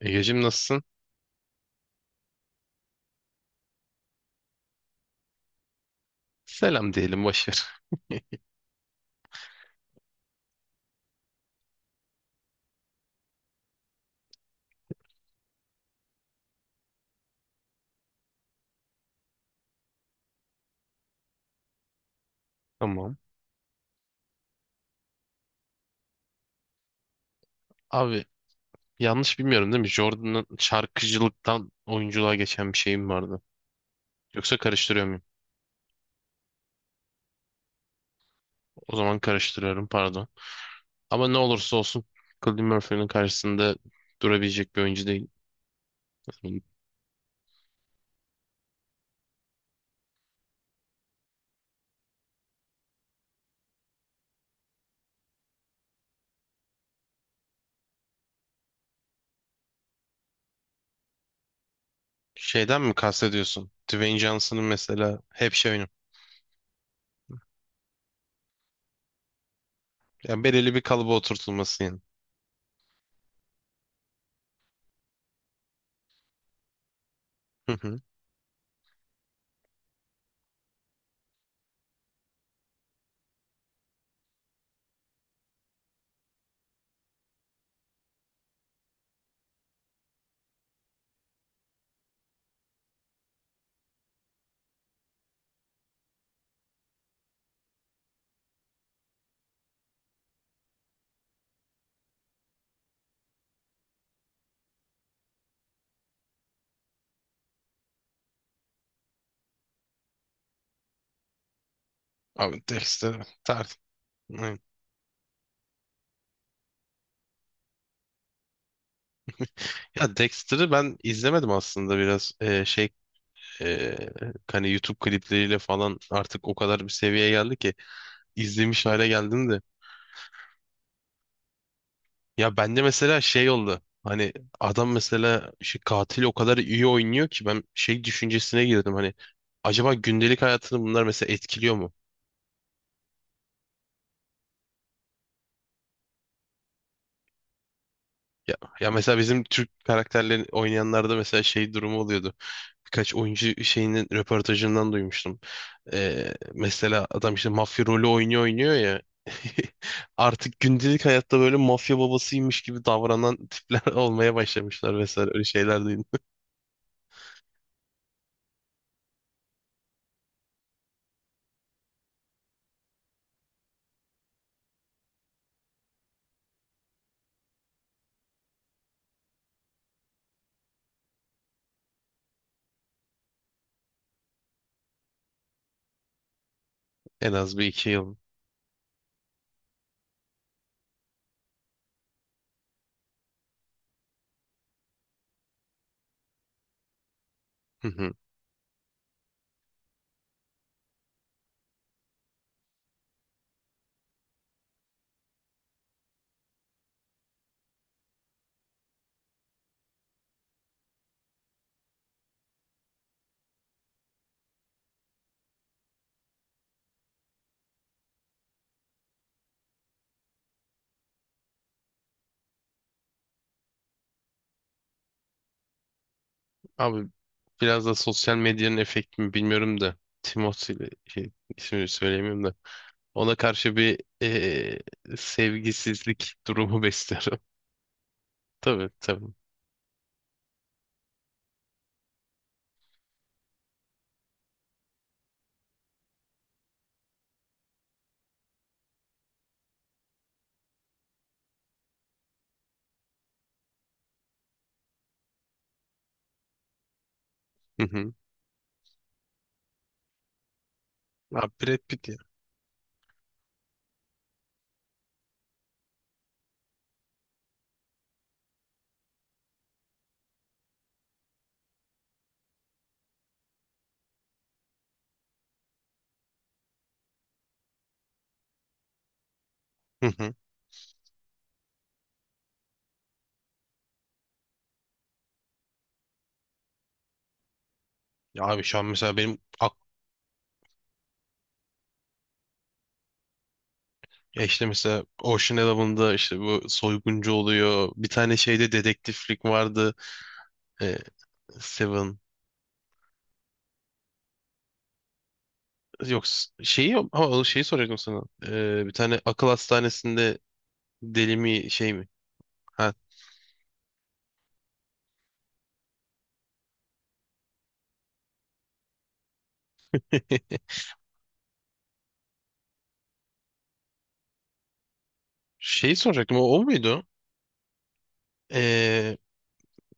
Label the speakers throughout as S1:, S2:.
S1: Egeciğim nasılsın? Selam diyelim boş ver. Tamam. Abi yanlış bilmiyorum değil mi? Jordan'ın şarkıcılıktan oyunculuğa geçen bir şeyim vardı. Yoksa karıştırıyor muyum? O zaman karıştırıyorum pardon. Ama ne olursa olsun Cillian Murphy'nin karşısında durabilecek bir oyuncu değil. Şeyden mi kastediyorsun? Dwayne Johnson'ın mesela hep şey oyunu. Ya belirli bir kalıba oturtulması yani. Hı hı. Abi Dexter tar. Hı. Ya Dexter'ı ben izlemedim aslında biraz ee, hani YouTube klipleriyle falan artık o kadar bir seviyeye geldi ki izlemiş hale geldim de. Ya bende mesela şey oldu. Hani adam mesela şu katil o kadar iyi oynuyor ki ben şey düşüncesine girdim hani acaba gündelik hayatını bunlar mesela etkiliyor mu? Ya, ya mesela bizim Türk karakterlerini oynayanlarda mesela şey durumu oluyordu. Birkaç oyuncu şeyinin röportajından duymuştum. Mesela adam işte mafya rolü oynuyor ya. Artık gündelik hayatta böyle mafya babasıymış gibi davranan tipler olmaya başlamışlar vesaire öyle şeyler duydum. En az bir iki yıl. Abi biraz da sosyal medyanın efekti mi bilmiyorum da Timothy ile şey, ismini söyleyemiyorum da ona karşı bir sevgisizlik durumu besliyorum. Tabii tabii. Hı hı. Abi Brad Pitt ya. Hı hı. Ya abi şu an mesela benim ak ya işte mesela Ocean Eleven'da işte bu soyguncu oluyor. Bir tane şeyde dedektiflik vardı. Eee, Seven. Yok s- Şeyi ama o şeyi soracaktım sana. Bir tane akıl hastanesinde deli mi şey mi? Ha. Şeyi soracaktım o, o muydu? Ee,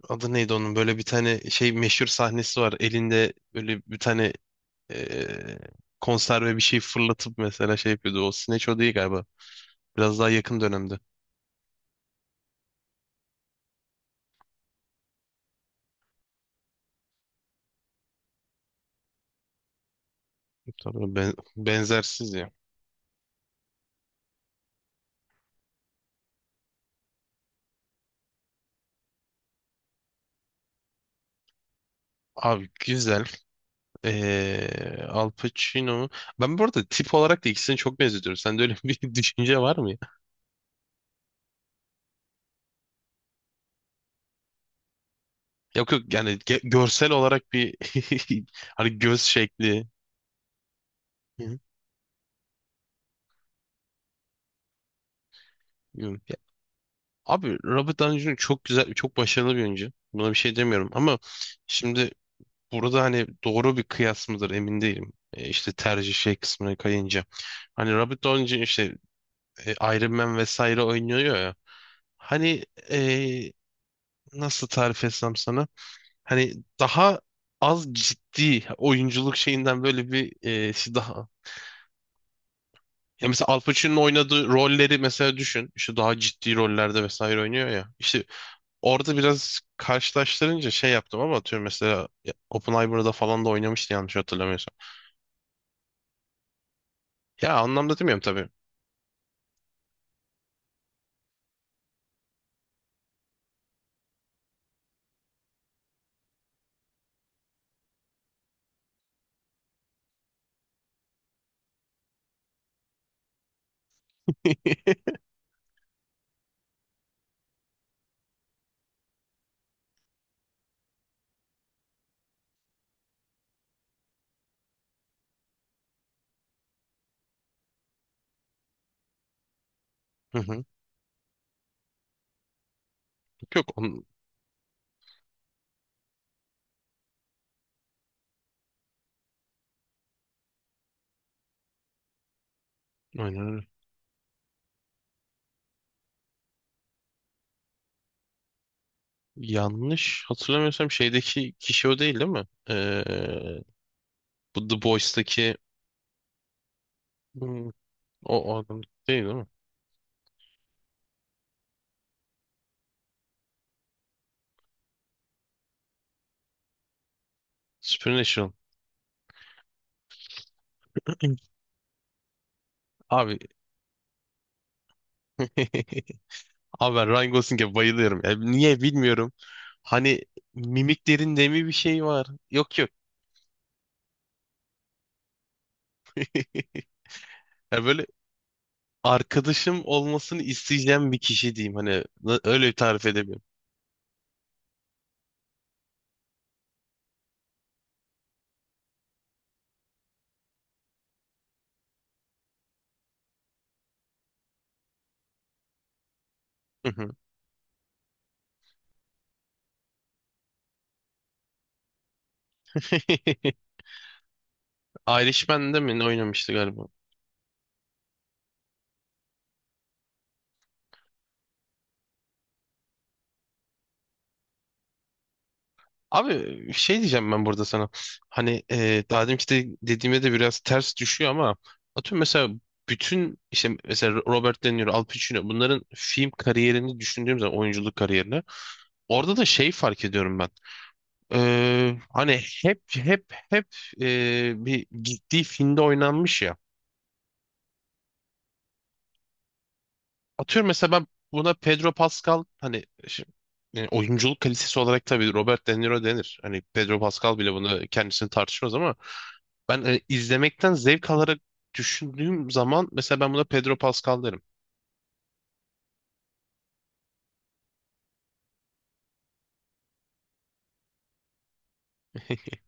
S1: Adı neydi onun? Böyle bir tane şey meşhur sahnesi var. Elinde böyle bir tane ee, konserve bir şey fırlatıp mesela şey yapıyordu. O Snatch o değil galiba. Biraz daha yakın dönemde. Tabii benzersiz ya. Abi güzel. Al Pacino. Ben bu arada tip olarak da ikisini çok benzetiyorum. Sende öyle bir düşünce var mı ya? Yok yok yani görsel olarak bir hani göz şekli. Hı hı. Abi Robert Downey Jr. çok güzel, çok başarılı bir oyuncu. Buna bir şey demiyorum ama şimdi burada hani doğru bir kıyas mıdır emin değilim. E, işte tercih şey kısmına kayınca. Hani Robert Downey Jr. işte Iron Man vesaire oynuyor ya. Hani e, nasıl tarif etsem sana? Hani daha az ciddi oyunculuk şeyinden böyle bir şey daha. Ya mesela Al Pacino'nun oynadığı rolleri mesela düşün. İşte daha ciddi rollerde vesaire oynuyor ya. İşte orada biraz karşılaştırınca şey yaptım ama atıyorum mesela ya, Oppenheimer'da falan da oynamıştı yanlış hatırlamıyorsam. Ya anlamda demiyorum tabii. Hı hı. Yok on, Oynar. Yanlış hatırlamıyorsam şeydeki kişi o değil değil mi? Bu The Boys'taki hmm, o, o adam değil değil mi? Supernatural. Abi, abi ben Ryan Gosling'e bayılıyorum. Ya niye bilmiyorum. Hani mimiklerinde mi bir şey var? Yok yok. Ya böyle arkadaşım olmasını isteyeceğim bir kişi diyeyim. Hani öyle bir tarif edemiyorum. Hı hı. Irishman'de mi ne oynamıştı galiba? Abi şey diyeceğim ben burada sana. Hani daha deminki de dediğime de biraz ters düşüyor ama atıyorum mesela bütün işte mesela Robert De Niro, Al Pacino bunların film kariyerini düşündüğüm zaman oyunculuk kariyerini orada da şey fark ediyorum ben. Hani hep bir gittiği filmde oynanmış ya. Atıyorum mesela ben buna Pedro Pascal yani oyunculuk kalitesi olarak tabii Robert De Niro denir. Hani Pedro Pascal bile bunu kendisini tartışmaz ama ben izlemekten zevk alarak düşündüğüm zaman mesela ben buna Pedro Pascal derim.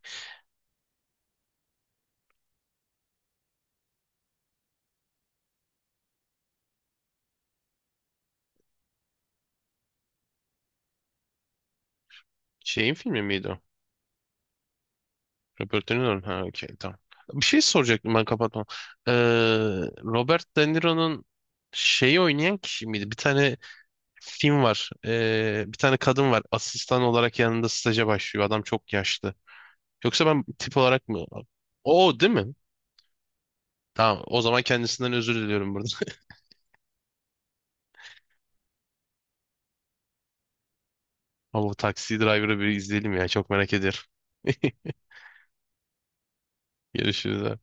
S1: Şeyin filmi miydi o? Robert De Niro'nun. Ha, okey, tamam. Bir şey soracaktım ben kapatmam. Ee, Robert De Niro'nun şeyi oynayan kişi miydi? Bir tane film var. Bir tane kadın var. Asistan olarak yanında staja başlıyor. Adam çok yaşlı. Yoksa ben tip olarak mı? O değil mi? Tamam. O zaman kendisinden özür diliyorum burada. Ama bu Taxi Driver'ı bir izleyelim ya. Çok merak ediyorum. Görüşürüz abi.